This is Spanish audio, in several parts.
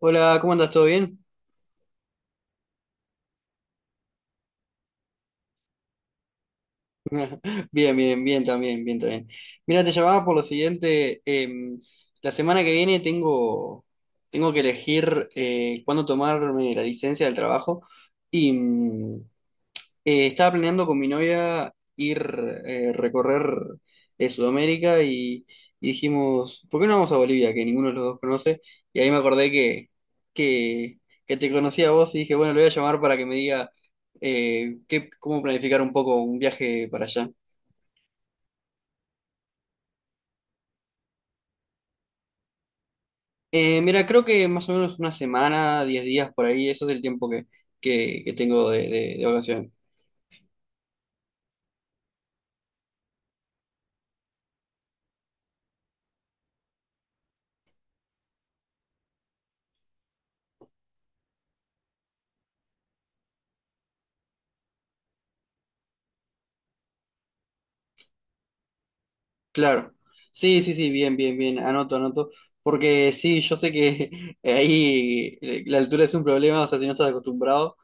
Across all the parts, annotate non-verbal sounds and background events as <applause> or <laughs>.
Hola, ¿cómo andas? ¿Todo bien? Bien, bien, bien también, bien también. Mira, te llamaba por lo siguiente. La semana que viene tengo que elegir cuándo tomarme la licencia del trabajo y estaba planeando con mi novia ir recorrer Sudamérica y dijimos, ¿por qué no vamos a Bolivia? Que ninguno de los dos conoce. Y ahí me acordé que, que te conocía a vos y dije, bueno, le voy a llamar para que me diga cómo planificar un poco un viaje para allá. Mira, creo que más o menos una semana, 10 días por ahí, eso es el tiempo que tengo de vacaciones. Claro. Sí, sí, sí, bien, bien, bien. Anoto, anoto. Porque sí, yo sé que <laughs> ahí la altura es un problema, o sea, si no estás acostumbrado.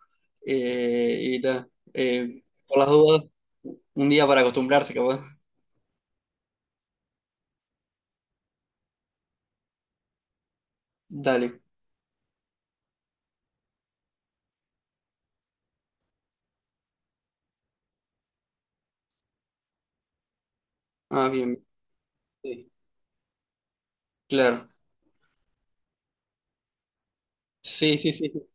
Y ta, por las dudas, un día para acostumbrarse, capaz. Dale. Ah, bien. Sí, claro. Sí, sí, sí, sí.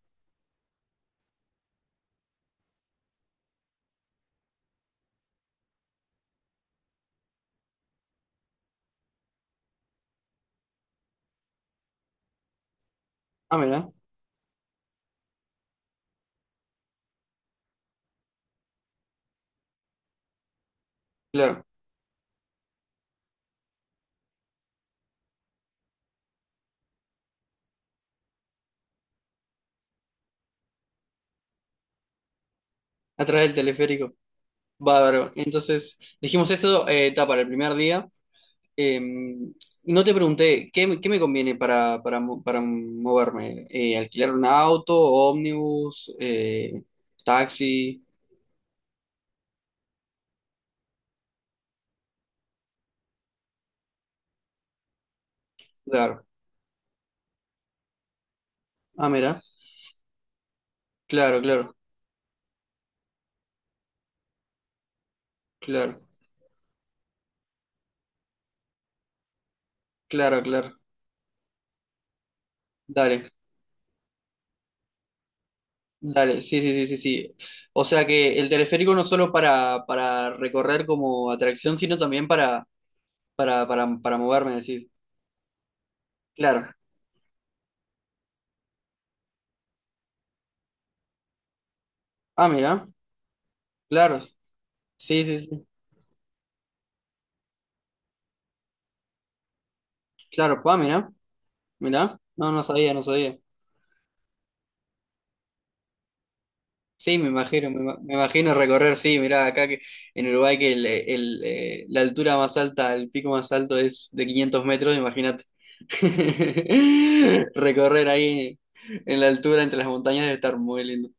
Ah, mira, claro. Atrás del teleférico. Bárbaro. Entonces, dijimos eso, ta, para el primer día. Eh, no te pregunté, ¿ qué me conviene para moverme? ¿Alquilar un auto, ómnibus, taxi? Claro. Ah, mira. Claro, claro, claro, claro, claro. Dale, dale. Sí, sí, sí, sí, sí. O sea que el teleférico no solo para recorrer como atracción, sino también para moverme, decir. Claro. Ah, mira. Claro. Sí, sí, sí. Claro. Ah, mira. Mira. No, no sabía, no sabía. Sí, me imagino, me imagino recorrer, sí, mirá, acá que, en Uruguay que la altura más alta, el pico más alto es de 500 metros, imagínate. <laughs> Recorrer ahí en la altura entre las montañas debe estar muy lindo.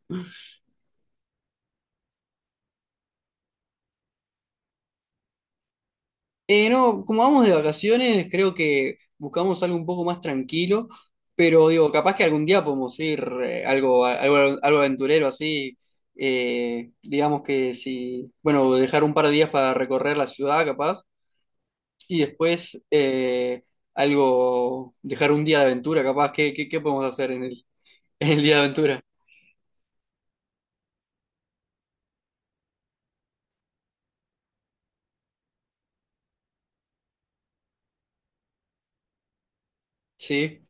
No, como vamos de vacaciones, creo que buscamos algo un poco más tranquilo, pero digo, capaz que algún día podemos ir algo aventurero así, digamos que si, bueno, dejar un par de días para recorrer la ciudad, capaz. Y después dejar un día de aventura, capaz. ¿Qué podemos hacer en el, <laughs> en el día de aventura? Sí,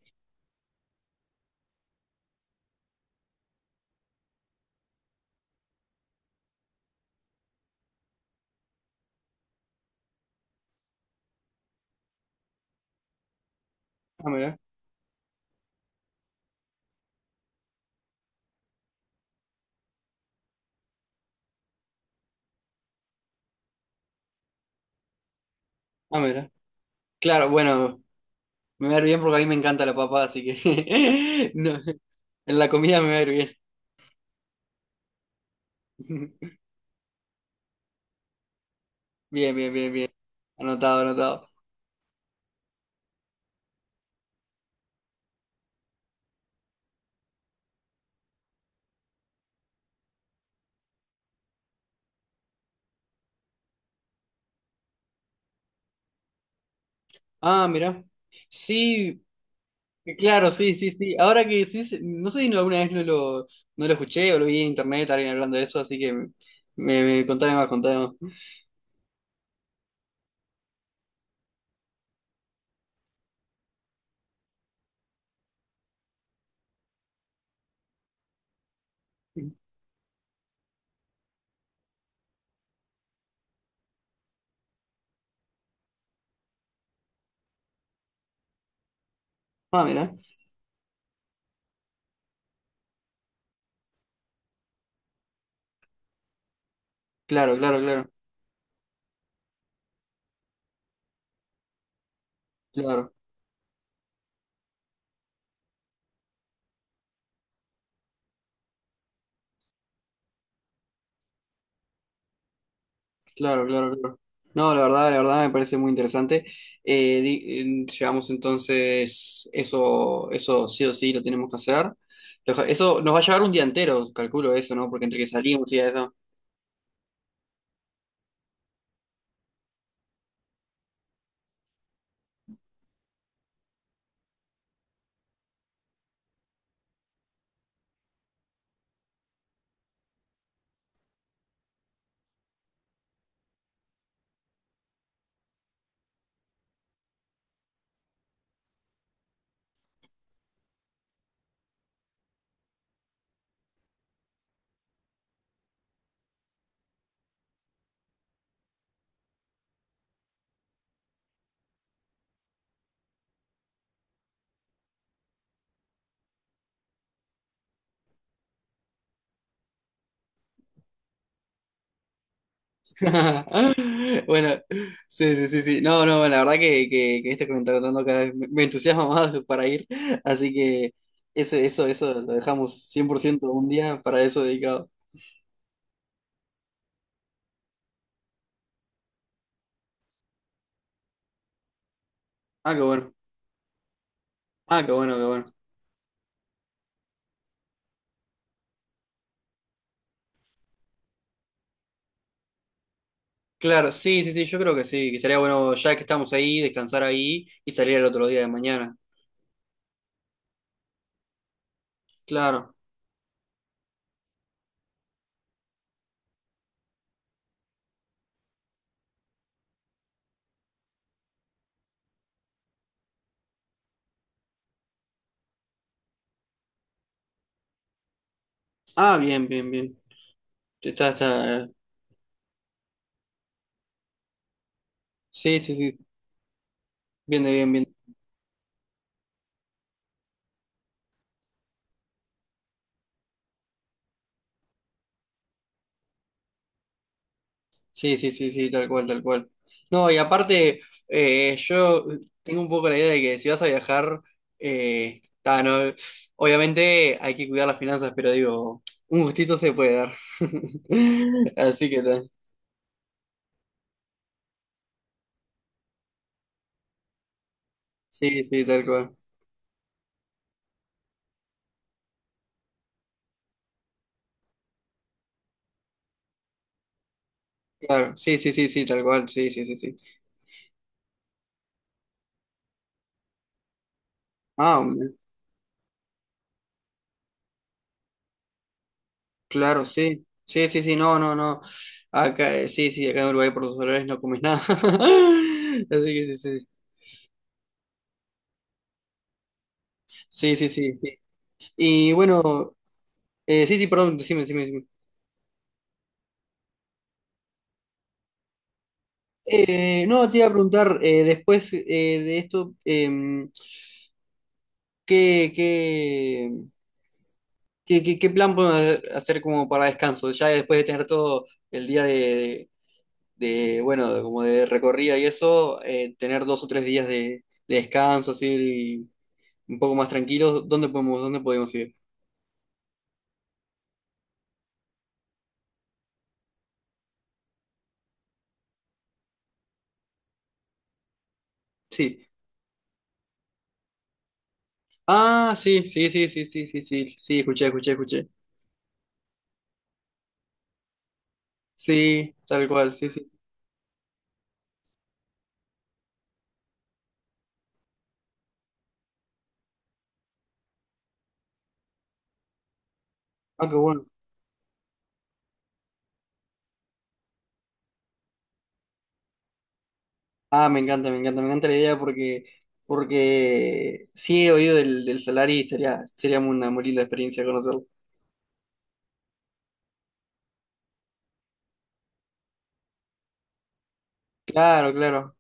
ah, mira, ah, mira. Claro, bueno, me va a ir bien porque a mí me encanta la papa, así que <laughs> no, en la comida me va a ir bien. <laughs> Bien, bien, bien, bien. Anotado, anotado. Ah, mira. Sí, claro, sí, sí, sí. Ahora que sí, sí, no sé si alguna vez no lo escuché o lo vi en internet, alguien hablando de eso, así que contame más, contame más. Ah, mira. Claro, claro, claro. Claro, claro, claro, claro. No, la verdad me parece muy interesante. Llevamos entonces eso sí o sí lo tenemos que hacer. Eso nos va a llevar un día entero, calculo eso, ¿no? Porque entre que salimos y eso. <laughs> Bueno, sí, sí, sí, sí. No, no, la verdad que esto que me está contando cada vez me entusiasma <laughs> más para ir. Así que eso lo dejamos cien por ciento un día para eso dedicado. Ah, qué bueno. Ah, qué bueno, qué bueno. Claro, sí, sí, sí, yo creo que sí, que sería bueno ya que estamos ahí, descansar ahí y salir el otro día de mañana. Claro. Ah, bien, bien, bien. Está, está. Sí, sí, sí. Bien, bien, bien. Sí, sí, sí, sí, tal cual, tal cual. No, y aparte, yo tengo un poco la idea de que si vas a viajar, está, no, obviamente hay que cuidar las finanzas, pero digo, un gustito se puede dar. <laughs> Así que tal. Sí, sí, tal cual. Claro, sí, sí, sí, sí, tal cual, sí, sí, sí, sí. Ah, claro, sí. Sí, sí, sí, no, no, no. Acá, sí, sí, acá en Uruguay por los dólares no comes nada. <laughs> Así que sí, sí. Sí, sí, sí, sí. Y bueno, sí, sí, perdón, decime, decime, decime. No, te iba a preguntar, después de esto, ¿qué, qué, qué plan podemos hacer como para descanso? Ya después de tener todo el día bueno, como de recorrida y eso, tener dos o tres días de descanso, así, un poco más tranquilos, ¿ dónde podemos ir? Sí. Ah, sí, sí, sí, sí, sí, sí, sí, sí, escuché, escuché, escuché. Sí, tal cual, sí, sí. Ah, qué bueno. Ah, me encanta, me encanta, me encanta la idea porque sí he oído del Solari y sería, sería una muy linda experiencia conocerlo. Claro, claro.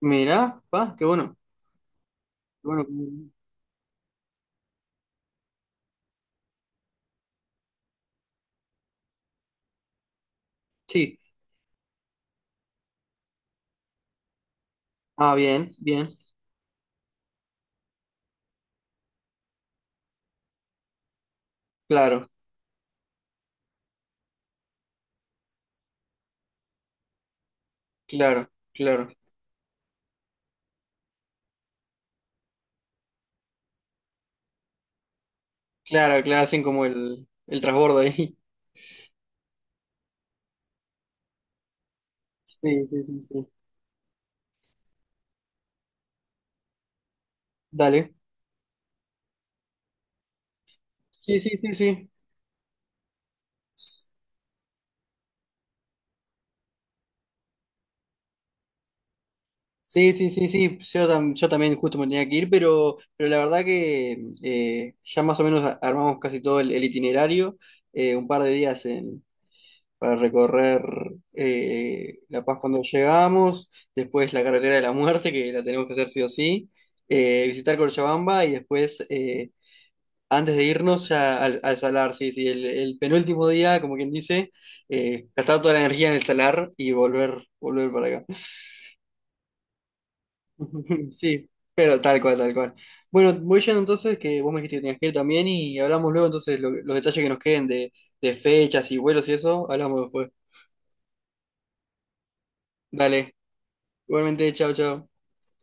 Mirá, va, qué bueno. Qué bueno. Qué bueno. Sí. Ah, bien, bien. Claro, claro, claro. Claro, claro, hacen como el transbordo ahí. <laughs> Sí, sí, sí, sí. Dale. Sí, sí, sí, sí. Sí, sí, sí, sí, yo también justo me tenía que ir, pero la verdad que ya más o menos armamos casi todo el itinerario, un par de días para recorrer La Paz cuando llegamos, después la carretera de la muerte, que la tenemos que hacer sí o sí, visitar Cochabamba y después, antes de irnos ya al Salar, sí, sí, el penúltimo día, como quien dice, gastar toda la energía en el Salar y volver para acá. <laughs> Sí, pero tal cual, tal cual. Bueno, voy yendo entonces, que vos me dijiste que tenías que ir también y hablamos luego entonces los detalles que nos queden de fechas y vuelos y eso, hablamos después. Dale, igualmente, chao, chao.